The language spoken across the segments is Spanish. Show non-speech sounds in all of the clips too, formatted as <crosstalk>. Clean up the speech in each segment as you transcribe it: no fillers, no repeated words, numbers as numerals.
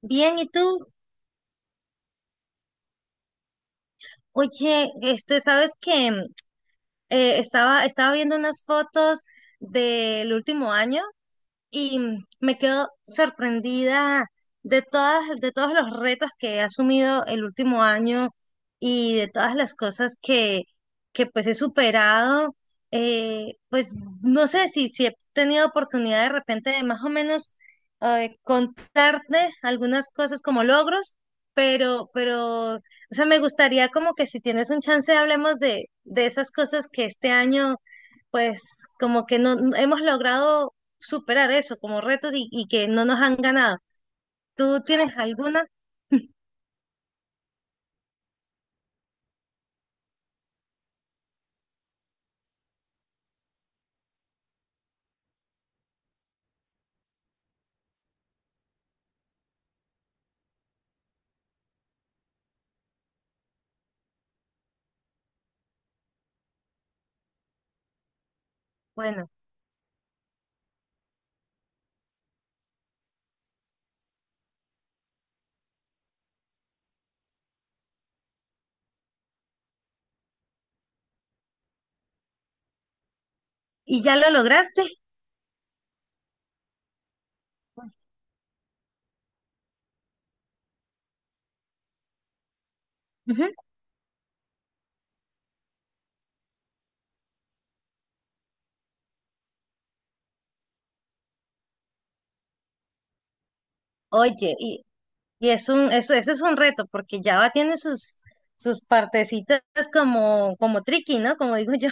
Bien, ¿y tú? Oye, ¿sabes que estaba viendo unas fotos del último año y me quedo sorprendida de todas, de todos los retos que he asumido el último año y de todas las cosas que pues he superado. Pues no sé si he tenido oportunidad de repente de más o menos contarte algunas cosas como logros, pero, o sea, me gustaría como que si tienes un chance hablemos de esas cosas que este año pues como que no hemos logrado superar eso como retos y que no nos han ganado. ¿Tú tienes alguna? Bueno, ¿y ya lo lograste? Ujú. Oye, y es un, eso es un reto, porque Java tiene sus, sus partecitas como, como tricky, ¿no? Como digo yo.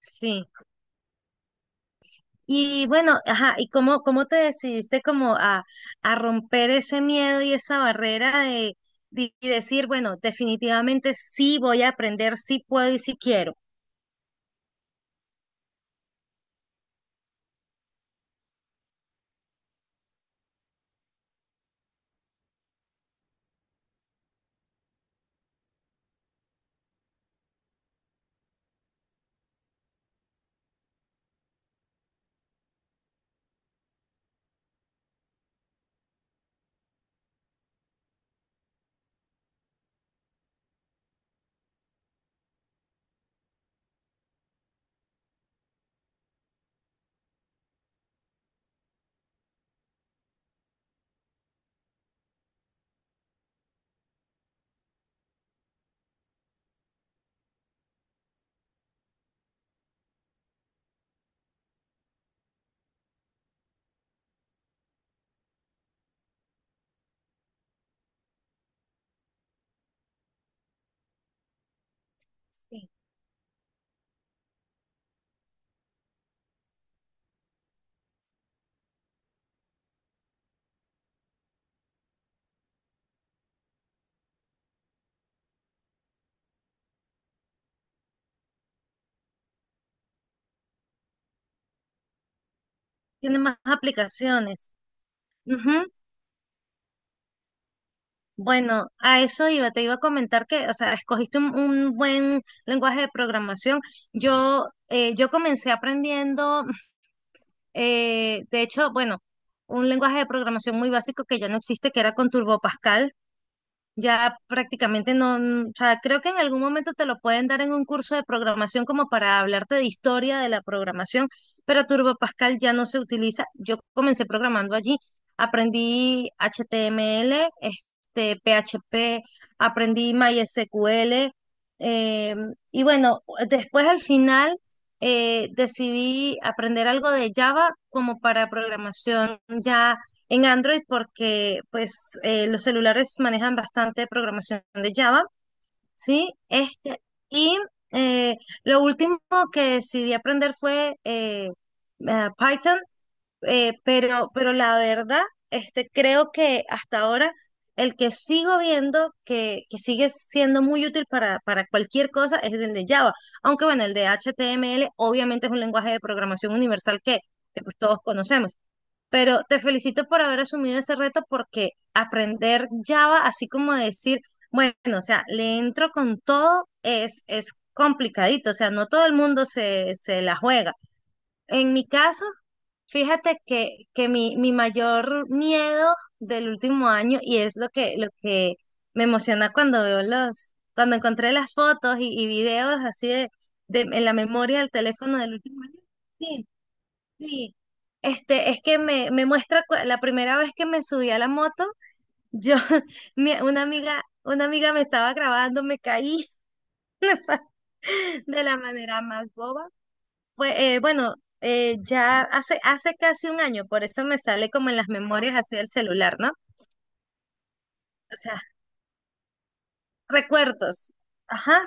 Sí. Y bueno, ajá, ¿y cómo, cómo te decidiste como a romper ese miedo y esa barrera de y decir, bueno, definitivamente sí voy a aprender, sí puedo y sí quiero? Sí. Tiene más aplicaciones. Bueno, a eso iba, te iba a comentar que, o sea, escogiste un buen lenguaje de programación. Yo comencé aprendiendo, de hecho, bueno, un lenguaje de programación muy básico que ya no existe, que era con Turbo Pascal. Ya prácticamente no, o sea, creo que en algún momento te lo pueden dar en un curso de programación como para hablarte de historia de la programación, pero Turbo Pascal ya no se utiliza. Yo comencé programando allí, aprendí HTML, este, PHP, aprendí MySQL, eh, y bueno, después al final decidí aprender algo de Java como para programación ya en Android porque pues los celulares manejan bastante programación de Java, ¿sí? Este, y eh, lo último que decidí aprender fue Python, pero la verdad, este, creo que hasta ahora el que sigo viendo que sigue siendo muy útil para cualquier cosa es el de Java. Aunque bueno, el de HTML obviamente es un lenguaje de programación universal que pues todos conocemos. Pero te felicito por haber asumido ese reto porque aprender Java, así como decir, bueno, o sea, le entro con todo, es complicadito, o sea, no todo el mundo se, se la juega. En mi caso, fíjate que mi mayor miedo del último año, y es lo que me emociona cuando veo los, cuando encontré las fotos y videos así de- en la memoria del teléfono del último año. Sí, sí, este, es que me muestra la primera vez que me subí a la moto, yo, <laughs> una amiga me estaba grabando, me caí <laughs> de la manera más boba. Pues, bueno, ya hace casi un año, por eso me sale como en las memorias así del celular, ¿no? O sea, recuerdos. Ajá,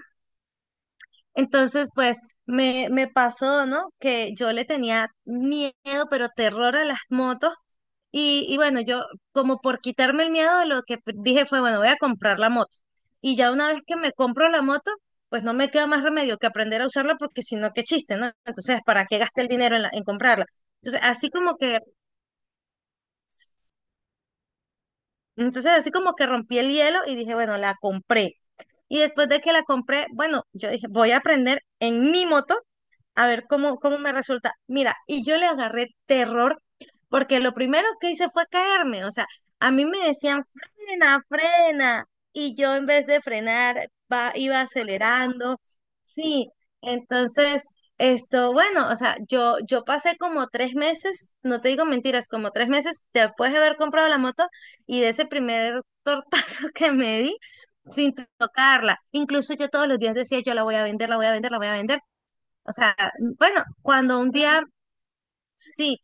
entonces, pues me pasó, ¿no? Que yo le tenía miedo, pero terror a las motos. Y bueno, yo como por quitarme el miedo, lo que dije fue, bueno, voy a comprar la moto. Y ya una vez que me compro la moto, pues no me queda más remedio que aprender a usarla porque si no, qué chiste, ¿no? Entonces, ¿para qué gasté el dinero en comprarla? Entonces, así como que, entonces así como que rompí el hielo y dije, bueno, la compré. Y después de que la compré, bueno, yo dije, voy a aprender en mi moto a ver cómo, cómo me resulta. Mira, y yo le agarré terror porque lo primero que hice fue caerme. O sea, a mí me decían, frena, frena. Y yo en vez de frenar, iba acelerando. Sí, entonces, esto, bueno, o sea, yo pasé como tres meses, no te digo mentiras, como tres meses después de haber comprado la moto y de ese primer tortazo <laughs> que me di. Sin tocarla. Incluso yo todos los días decía, yo la voy a vender, la voy a vender, la voy a vender. O sea, bueno, cuando un día sí,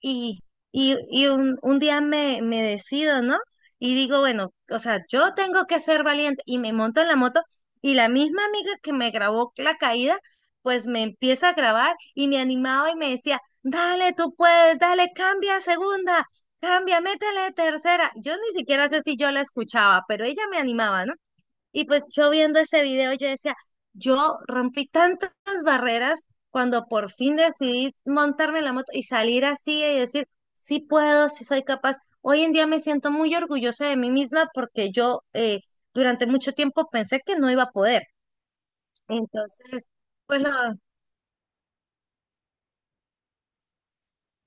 y, y un día me, me decido, ¿no? Y digo, bueno, o sea, yo tengo que ser valiente y me monto en la moto y la misma amiga que me grabó la caída, pues me empieza a grabar y me animaba y me decía, dale, tú puedes, dale, cambia a segunda, cambia, métele tercera. Yo ni siquiera sé si yo la escuchaba, pero ella me animaba, ¿no? Y pues yo viendo ese video, yo decía, yo rompí tantas barreras cuando por fin decidí montarme en la moto y salir así y decir, sí puedo, sí soy capaz. Hoy en día me siento muy orgullosa de mí misma porque yo durante mucho tiempo pensé que no iba a poder. Entonces, pues,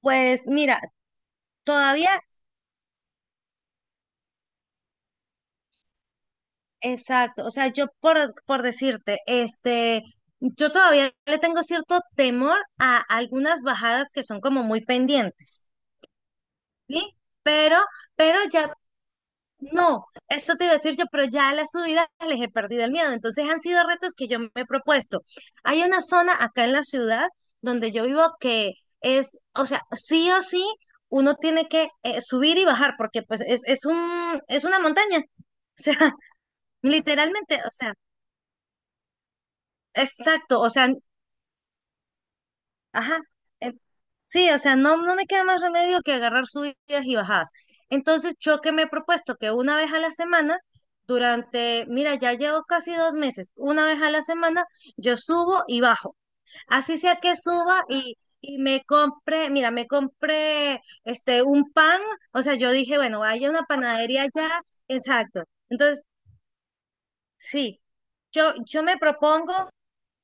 pues mira, todavía, exacto, o sea, yo por decirte, este... Yo todavía le tengo cierto temor a algunas bajadas que son como muy pendientes. Sí, pero, pero ya, no, eso te iba a decir yo, pero ya a las subidas les he perdido el miedo. Entonces han sido retos que yo me he propuesto. Hay una zona acá en la ciudad donde yo vivo que es, o sea, sí o sí, uno tiene que subir y bajar porque pues es un, es una montaña. O sea, <laughs> literalmente, o sea, exacto, o sea, ajá. Sí, o sea, no, no me queda más remedio que agarrar subidas y bajadas. Entonces, yo que me he propuesto que una vez a la semana, durante, mira, ya llevo casi dos meses, una vez a la semana, yo subo y bajo. Así sea que suba y me compre, mira, me compré este, un pan, o sea, yo dije, bueno, hay una panadería allá, exacto. Entonces, sí, yo me propongo,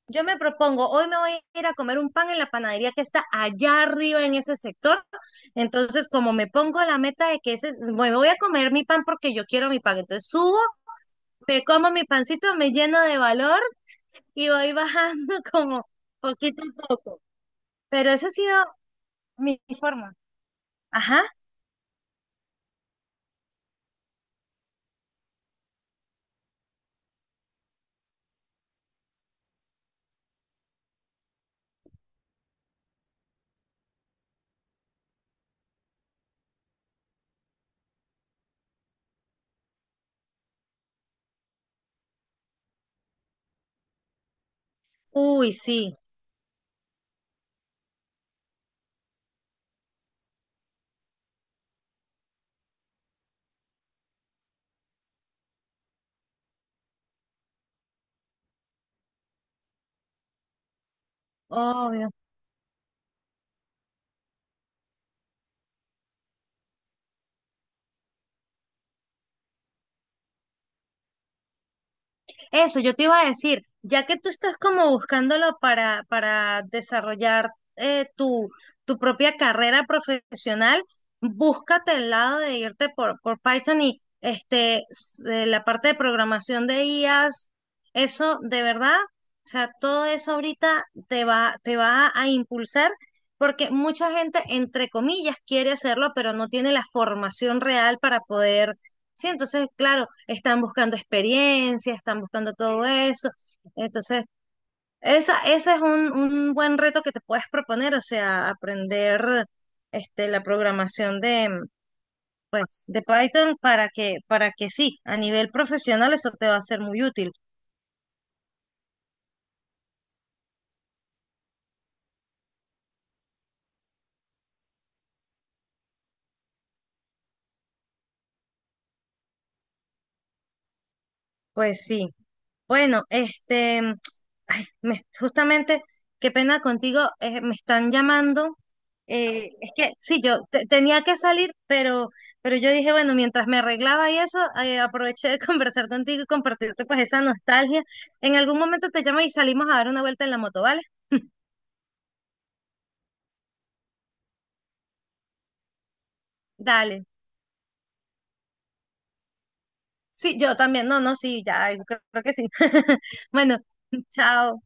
yo me propongo, hoy me voy a ir a comer un pan en la panadería que está allá arriba en ese sector. Entonces, como me pongo la meta de que ese, me voy a comer mi pan porque yo quiero mi pan. Entonces subo, me como mi pancito, me lleno de valor y voy bajando <laughs> como poquito a poco. Pero esa ha sido mi forma. Ajá. Uy, sí. Obvio. Eso, yo te iba a decir, ya que tú estás como buscándolo para desarrollar tu, tu propia carrera profesional, búscate el lado de irte por Python y este, la parte de programación de IAs, eso de verdad, o sea, todo eso ahorita te va a impulsar porque mucha gente, entre comillas, quiere hacerlo, pero no tiene la formación real para poder. Sí, entonces, claro, están buscando experiencia, están buscando todo eso. Entonces, esa, ese es un buen reto que te puedes proponer, o sea, aprender este, la programación de, pues, de Python para que sí, a nivel profesional eso te va a ser muy útil. Pues sí. Bueno, este, ay, justamente, qué pena contigo, me están llamando. Eh, es que sí, yo tenía que salir, pero yo dije, bueno, mientras me arreglaba y eso, aproveché de <laughs> conversar contigo y compartirte pues esa nostalgia. En algún momento te llamo y salimos a dar una vuelta en la moto, ¿vale? Dale. Sí, yo también. No, no, sí, ya, creo que sí. <laughs> Bueno, chao.